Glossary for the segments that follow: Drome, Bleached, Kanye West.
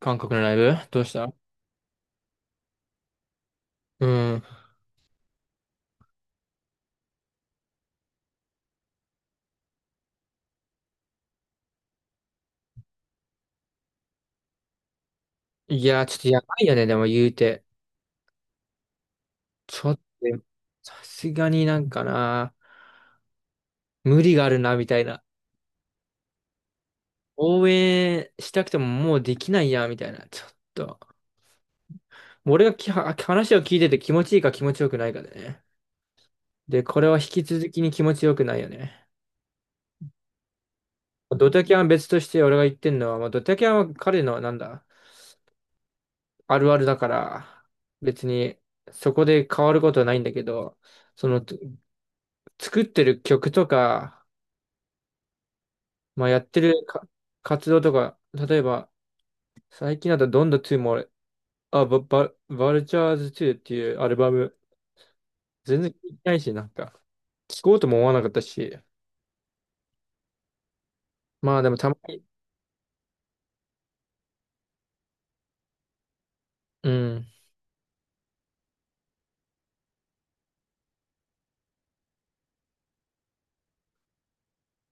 韓国のライブどうした？うん。いや、ちょっとやばいよね、でも言うて。ちょっと、さすがになんかな、無理があるな、みたいな。応援したくてももうできないや、みたいな。ちょっと。俺がきは話を聞いてて気持ちいいか気持ちよくないかでね。で、これは引き続きに気持ちよくないよね。ドタキャンは別として俺が言ってんのは、まあ、ドタキャンは彼のなんだ、あるあるだから、別にそこで変わることはないんだけど、その、作ってる曲とか、まあ、やってる活動とか、例えば、最近だとどんどん2も俺、あ、バ、バ、バルチャーズ2っていうアルバム、全然聞いてないし、なんか、聞こうとも思わなかったし、まあでもたまに、うん。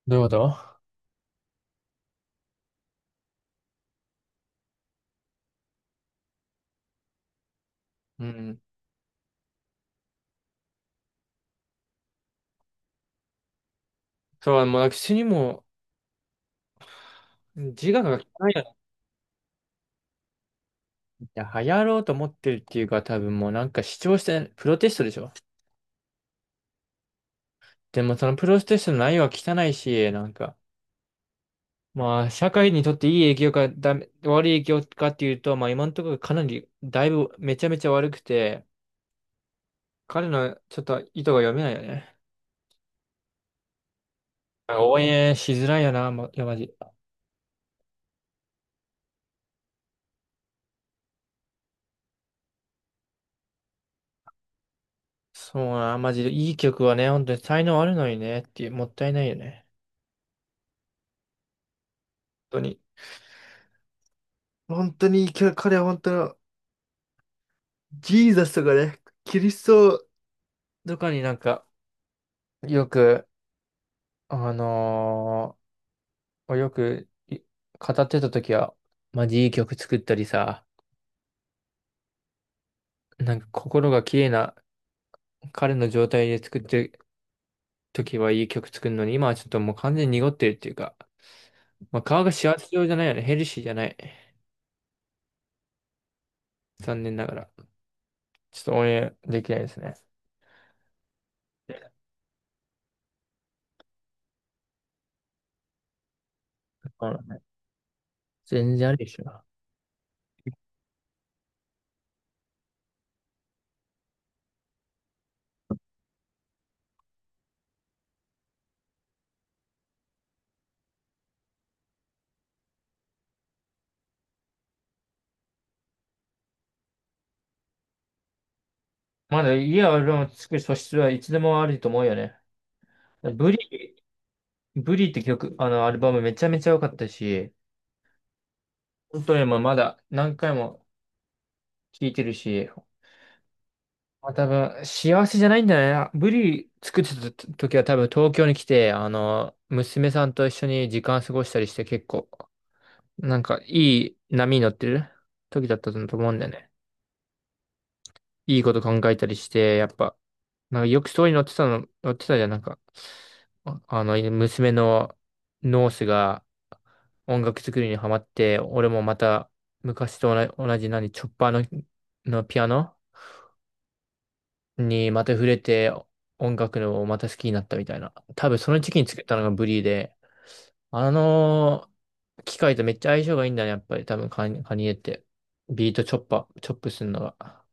どういうこと？うん。そう、もう私にもう自我が効かないよね。いや流行ろうと思ってるっていうか、多分もうなんか主張して、プロテストでしょ？でもそのプロテストの内容は汚いし、なんか、まあ、社会にとっていい影響かダメ、悪い影響かっていうと、まあ今のところかなり、だいぶめちゃめちゃ悪くて、彼のちょっと意図が読めないよね。応援しづらいよな、ま、いや、マジ。そうな、マジでいい曲はね、本当に才能あるのにね、っていう、もったいないよね。本当に。本当に、彼は本当に、ジーザスとかね、キリストとかになんか、よく、あのよく語ってた時は、マジいい曲作ったりさ、なんか心が綺麗な彼の状態で作ってる時はいい曲作るのに、今はちょっともう完全に濁ってるっていうか、まあ、顔が幸せ状じゃないよね。ヘルシーじゃない。残念ながら。ちょっと応援できないですね。そうだね。全然あるでしょ。まだいいアルバム作る素質はいつでもあると思うよね。ブリ、ブリって曲、あのアルバムめちゃめちゃ良かったし、本当にもうまだ何回も聴いてるし、まあ、多分、幸せじゃないんだよね。ブリ作ってた時は多分東京に来て、あの、娘さんと一緒に時間過ごしたりして結構、なんかいい波に乗ってる時だったと思うんだよね。いいこと考えたりして、やっぱ、なんかよくストーリーに載ってたの、載ってたじゃん、なんか、娘のノースが音楽作りにハマって、俺もまた昔と同じ何、チョッパーの、のピアノにまた触れて音楽のまた好きになったみたいな。多分その時期に作ったのがブリーで、あの機械とめっちゃ相性がいいんだね、やっぱり多分カニエって。ビートチョッパー、チョップするのが。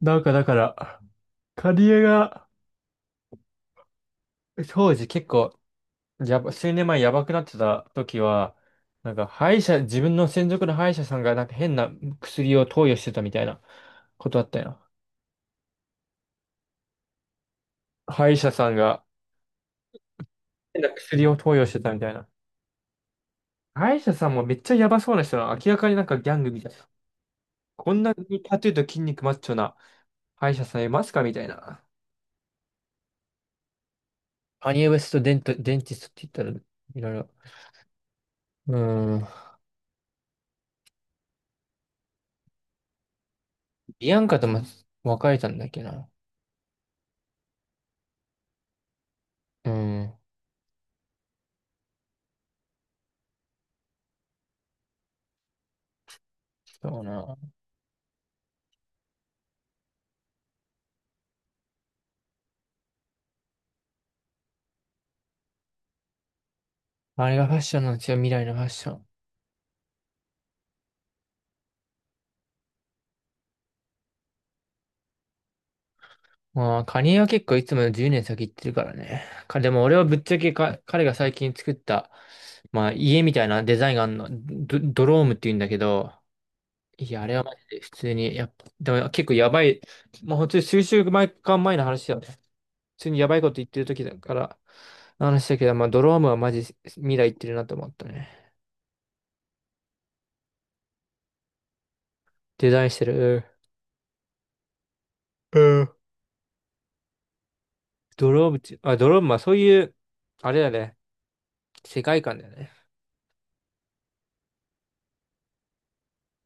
なんかだから、カニエが、当時結構、数年前やばくなってた時は、なんか歯医者、自分の専属の歯医者さんがなんか変な薬を投与してたみたいなことあったよ。歯医者さんが変な薬を投与してたみたいな。歯医者さんもめっちゃやばそうな人は明らかになんかギャングみたいな。こんなにタトゥーと筋肉マッチョな歯医者さんいますかみたいな。カニエ・ウェスト・デンティストって言ったら、いろいろ。うーん。ビアンカとも別れたんだっけな。うーん。そうな。あれがファッションなんですよ、未来のファッション。まあ、カニエは結構いつもより10年先行ってるからね。でも俺はぶっちゃけ彼が最近作った、まあ、家みたいなデザインがあるの。ドロームって言うんだけど、いや、あれはマジで普通に、やっぱ、でも結構やばい、まあ本当に数週間前の話だよね。普通にやばいこと言ってる時だから、話だけど、まあドロームはマジ未来行ってるなと思ったね。デザインしてる。うん。ドロームはそういう、あれだね、世界観だよね。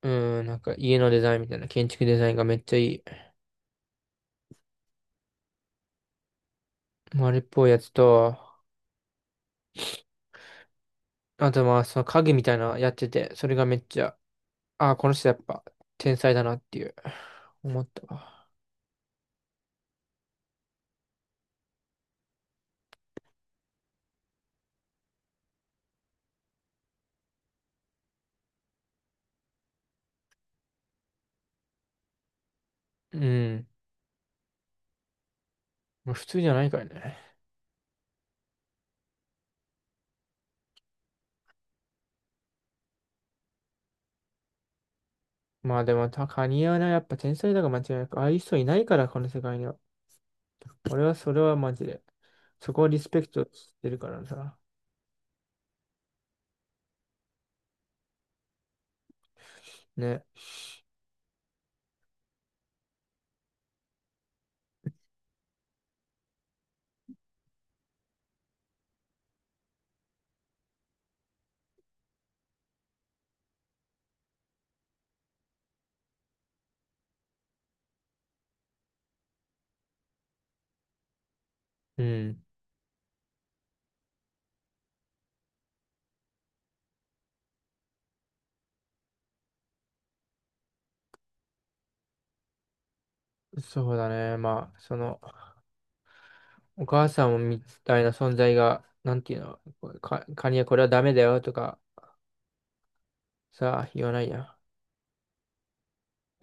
うん、なんか家のデザインみたいな、建築デザインがめっちゃいい。丸っぽいやつと、あとまあその影みたいなのやってて、それがめっちゃ、あ、この人やっぱ天才だなっていう、思ったわ。うん。まあ普通じゃないからね。まあでも、カニはね、やっぱ天才だが間違いなく、ああいう人いないから、この世界には。俺はそれはマジで。そこをリスペクトしてるからさ。ね。うん。そうだね。まあ、その、お母さんみたいな存在が、なんていうの、こうか、カニはこれはダメだよとか、さ、言わないやん。や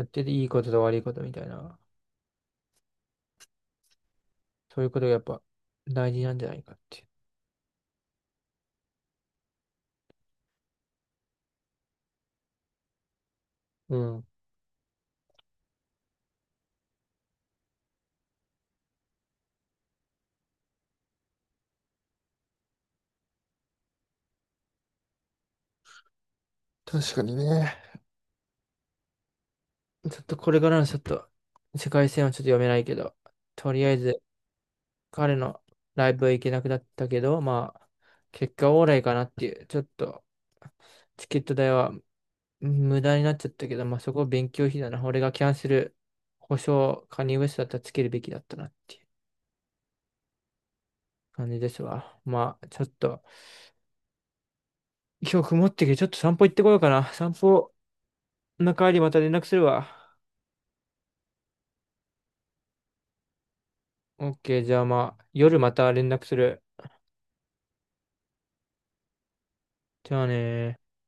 ってていいことと悪いことみたいな。そういうことがやっぱ大事なんじゃないかっていう。うん。確かにね。ちょっとこれからのちょっと世界線はちょっと読めないけど、とりあえず彼のライブは行けなくなったけど、まあ、結果オーライかなっていう、ちょっとチケット代は無駄になっちゃったけど、まあそこ勉強費だな。俺がキャンセル保証、カニウエストだったらつけるべきだったなっていう感じですわ。まあ、ちょっと今日曇ってきてちょっと散歩行ってこようかな。散歩の帰りまた連絡するわ。オッケー、じゃあまあ夜また連絡する。じゃあねー。